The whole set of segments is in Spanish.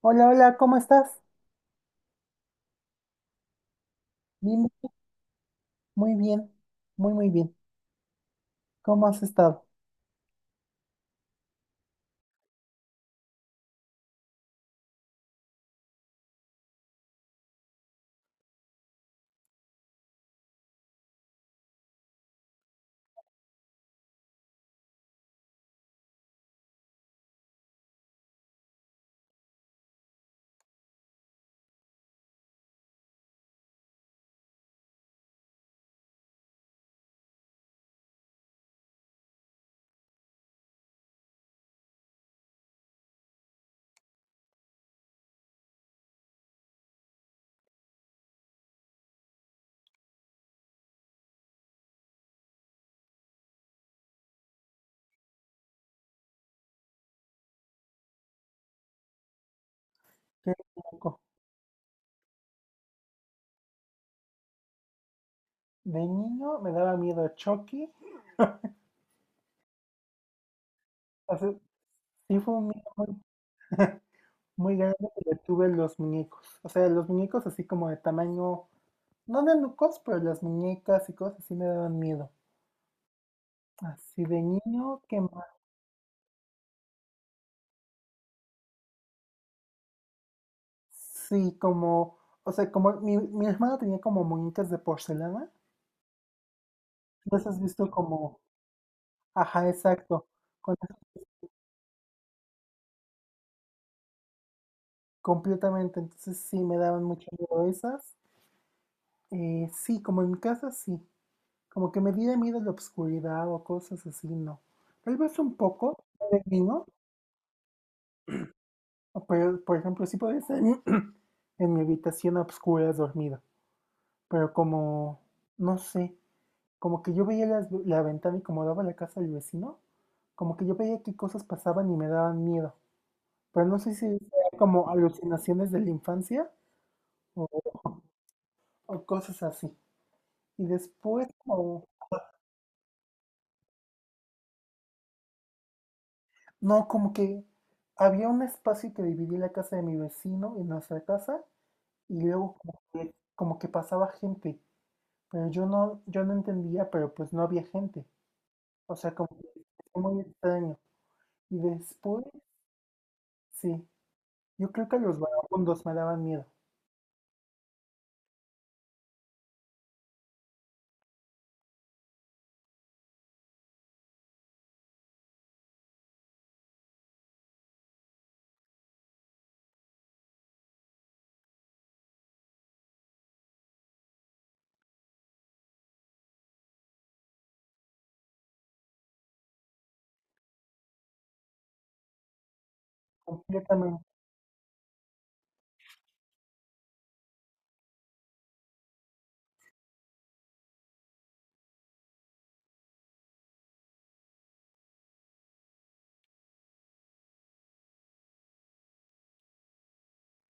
Hola, hola, ¿cómo estás? Bien, muy bien, muy bien. ¿Cómo has estado? Qué loco. De niño me daba miedo Chucky. O sea, sí fue un miedo muy grande que le tuve a los muñecos. O sea, los muñecos así como de tamaño, no de nucos, pero las muñecas y cosas así me daban miedo. Así de niño, ¿qué más? Sí, como, o sea, como mi hermana tenía como muñecas de porcelana. ¿No has visto como, ajá, exacto. Con completamente, entonces sí me daban mucho miedo esas. Sí, como en mi casa sí, como que me diera miedo la obscuridad o cosas así, no. Tal vez un poco, de niño, o pero por ejemplo sí podía estar en mi habitación a obscuras dormida, pero como, no sé, como que yo veía la ventana y como daba la casa al vecino, como que yo veía qué cosas pasaban y me daban miedo, pero no sé si eran como alucinaciones de la infancia o o cosas así. Y después como... No, como que había un espacio que dividía la casa de mi vecino y nuestra casa, y luego como que pasaba gente, pero yo no entendía, pero pues no había gente. O sea, como que fue muy extraño. Y después, sí, yo creo que los vagabundos me daban miedo, completamente.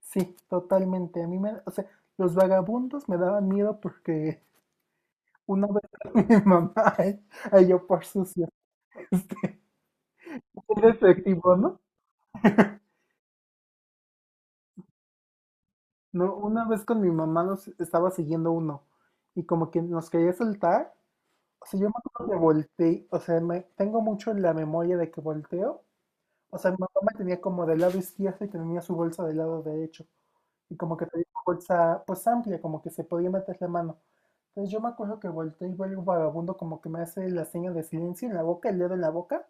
Sí, totalmente. A mí me, o sea, los vagabundos me daban miedo porque una vez mi mamá, ay, ay, yo por sucio, este, es efectivo, ¿no? No, una vez con mi mamá nos estaba siguiendo uno y como que nos quería soltar. O sea, yo me acuerdo que volteé, o sea, me, tengo mucho en la memoria de que volteo. O sea, mi mamá me tenía como del lado izquierdo y tenía su bolsa del lado derecho. Y como que tenía una bolsa pues amplia, como que se podía meter la mano. Entonces yo me acuerdo que volteé y veo el vagabundo como que me hace la seña de silencio en la boca, el dedo en la boca,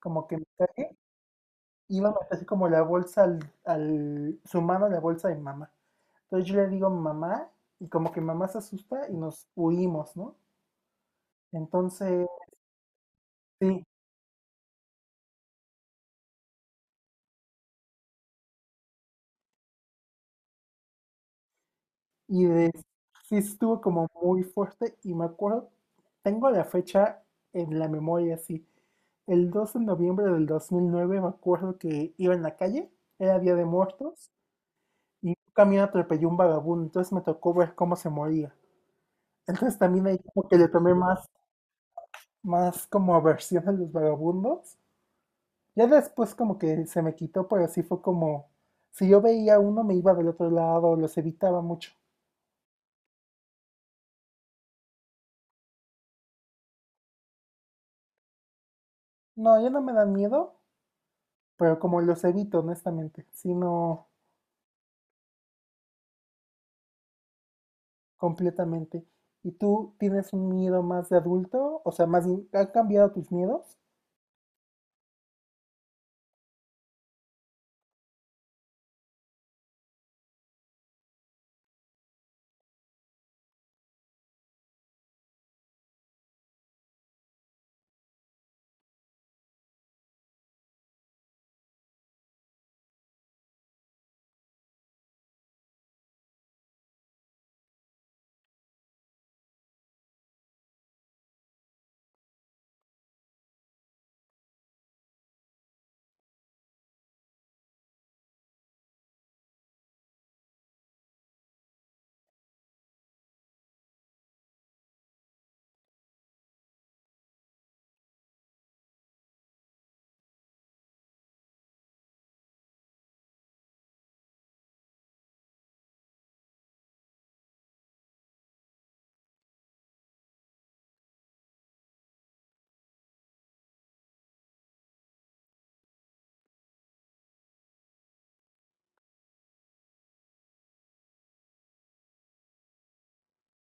como que me cae iba a meter así como la bolsa su mano a la bolsa de mamá. Entonces yo le digo mamá y como que mamá se asusta y nos huimos, ¿no? Entonces, sí, y de- sí estuvo como muy fuerte y me acuerdo, tengo la fecha en la memoria, sí. El 2 de noviembre de 2009 me acuerdo que iba en la calle, era Día de Muertos, y un camión atropelló un vagabundo, entonces me tocó ver cómo se moría. Entonces también ahí como que le tomé más como aversión a los vagabundos. Ya después como que se me quitó, pero sí fue como, si yo veía uno me iba del otro lado, los evitaba mucho. No, ya no me dan miedo, pero como los evito honestamente, sino completamente. ¿Y tú tienes un miedo más de adulto? O sea, más bien, ¿han cambiado tus miedos?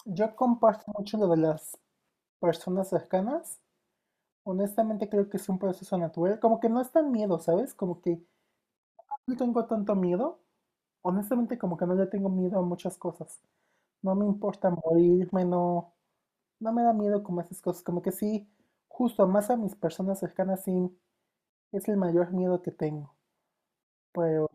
Yo comparto mucho lo de las personas cercanas. Honestamente creo que es un proceso natural. Como que no es tan miedo, ¿sabes? Como que no tengo tanto miedo. Honestamente, como que no le tengo miedo a muchas cosas. No me importa morirme, no, no me da miedo como esas cosas. Como que sí, justo más a mis personas cercanas, sí, es el mayor miedo que tengo. Pero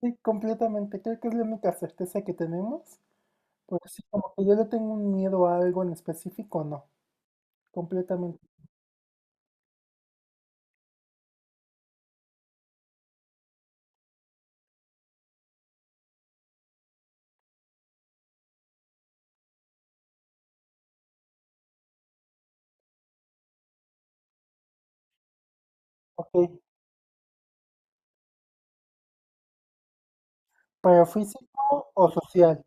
sí, completamente, creo que es la única certeza que tenemos. Porque sí, como que yo le tengo un miedo a algo en específico, no, completamente. Ok, pero físico o social.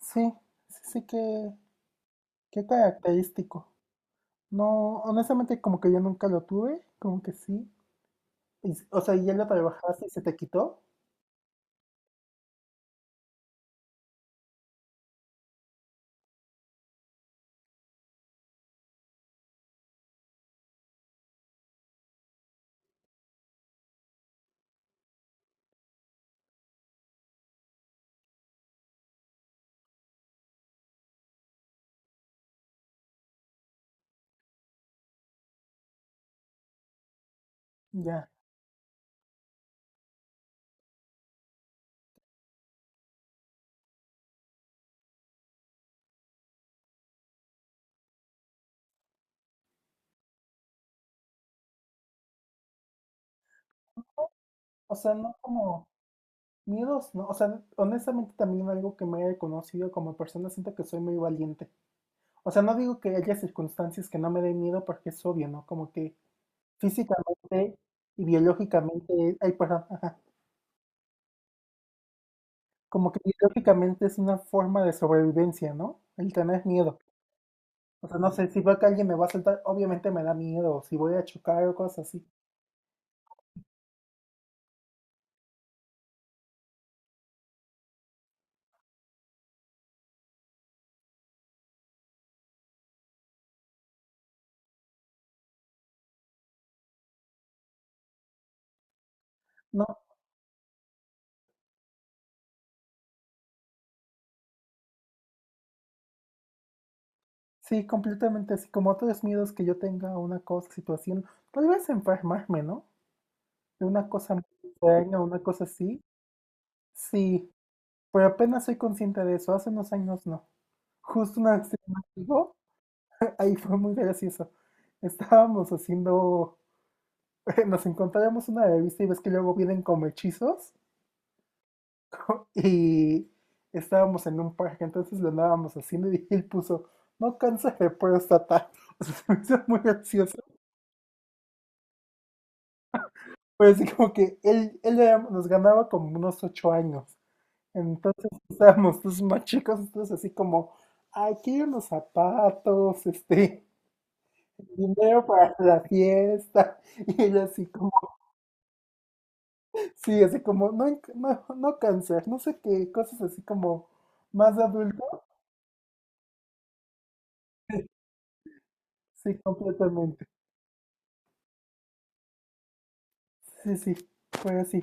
Sí, sí que, qué característico. No, honestamente como que yo nunca lo tuve, como que sí. Y s o sea, y ya lo trabajaste y se te quitó, ya. O sea, no como miedos, no. O sea, honestamente también algo que me he reconocido como persona, siento que soy muy valiente. O sea, no digo que haya circunstancias que no me den miedo porque es obvio, ¿no? Como que físicamente y biológicamente, ay, perdón, ajá, como que biológicamente es una forma de sobrevivencia, ¿no? El tener miedo. O sea, no sé, si veo que alguien me va a saltar, obviamente me da miedo, o si voy a chocar o cosas así. No, sí, completamente así como otros miedos que yo tenga a una cosa, situación, tal vez enfermarme, ¿no? De una cosa muy extraña, una cosa así. Sí, pero apenas soy consciente de eso, hace unos años no. Justo una vez tenía un amigo, ahí fue muy gracioso. Estábamos haciendo, nos encontrábamos una revista y ves que luego vienen como hechizos y estábamos en un parque, entonces lo andábamos haciendo y él puso, no cáncer de próstata. O sea, se me hizo muy gracioso. Pero así como que nos ganaba como unos 8 años. Entonces estábamos los más chicos, entonces así como, ay, quiero unos zapatos, este, dinero para la fiesta. Y él así como, sí, así como, no, no cáncer, no sé qué, cosas así como más de adulto. Sí, completamente. Sí, sí, fue así.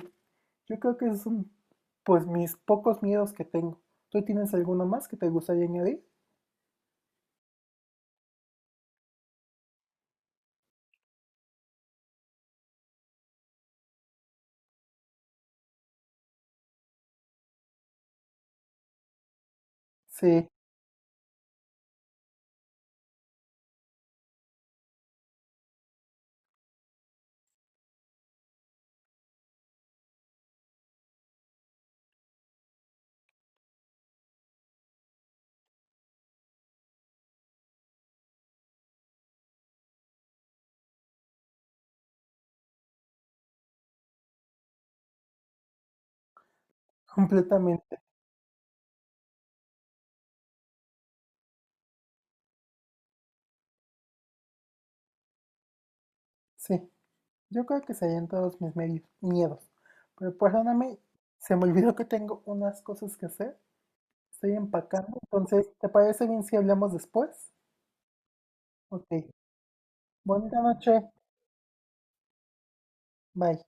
Yo creo que es un, pues mis pocos miedos que tengo. ¿Tú tienes alguno más que te gustaría añadir? Sí, completamente. Sí. Yo creo que serían todos mis miedos. Pero perdóname, se me olvidó que tengo unas cosas que hacer. Estoy empacando. Entonces, ¿te parece bien si hablamos después? Ok. Bonita noche. Bye.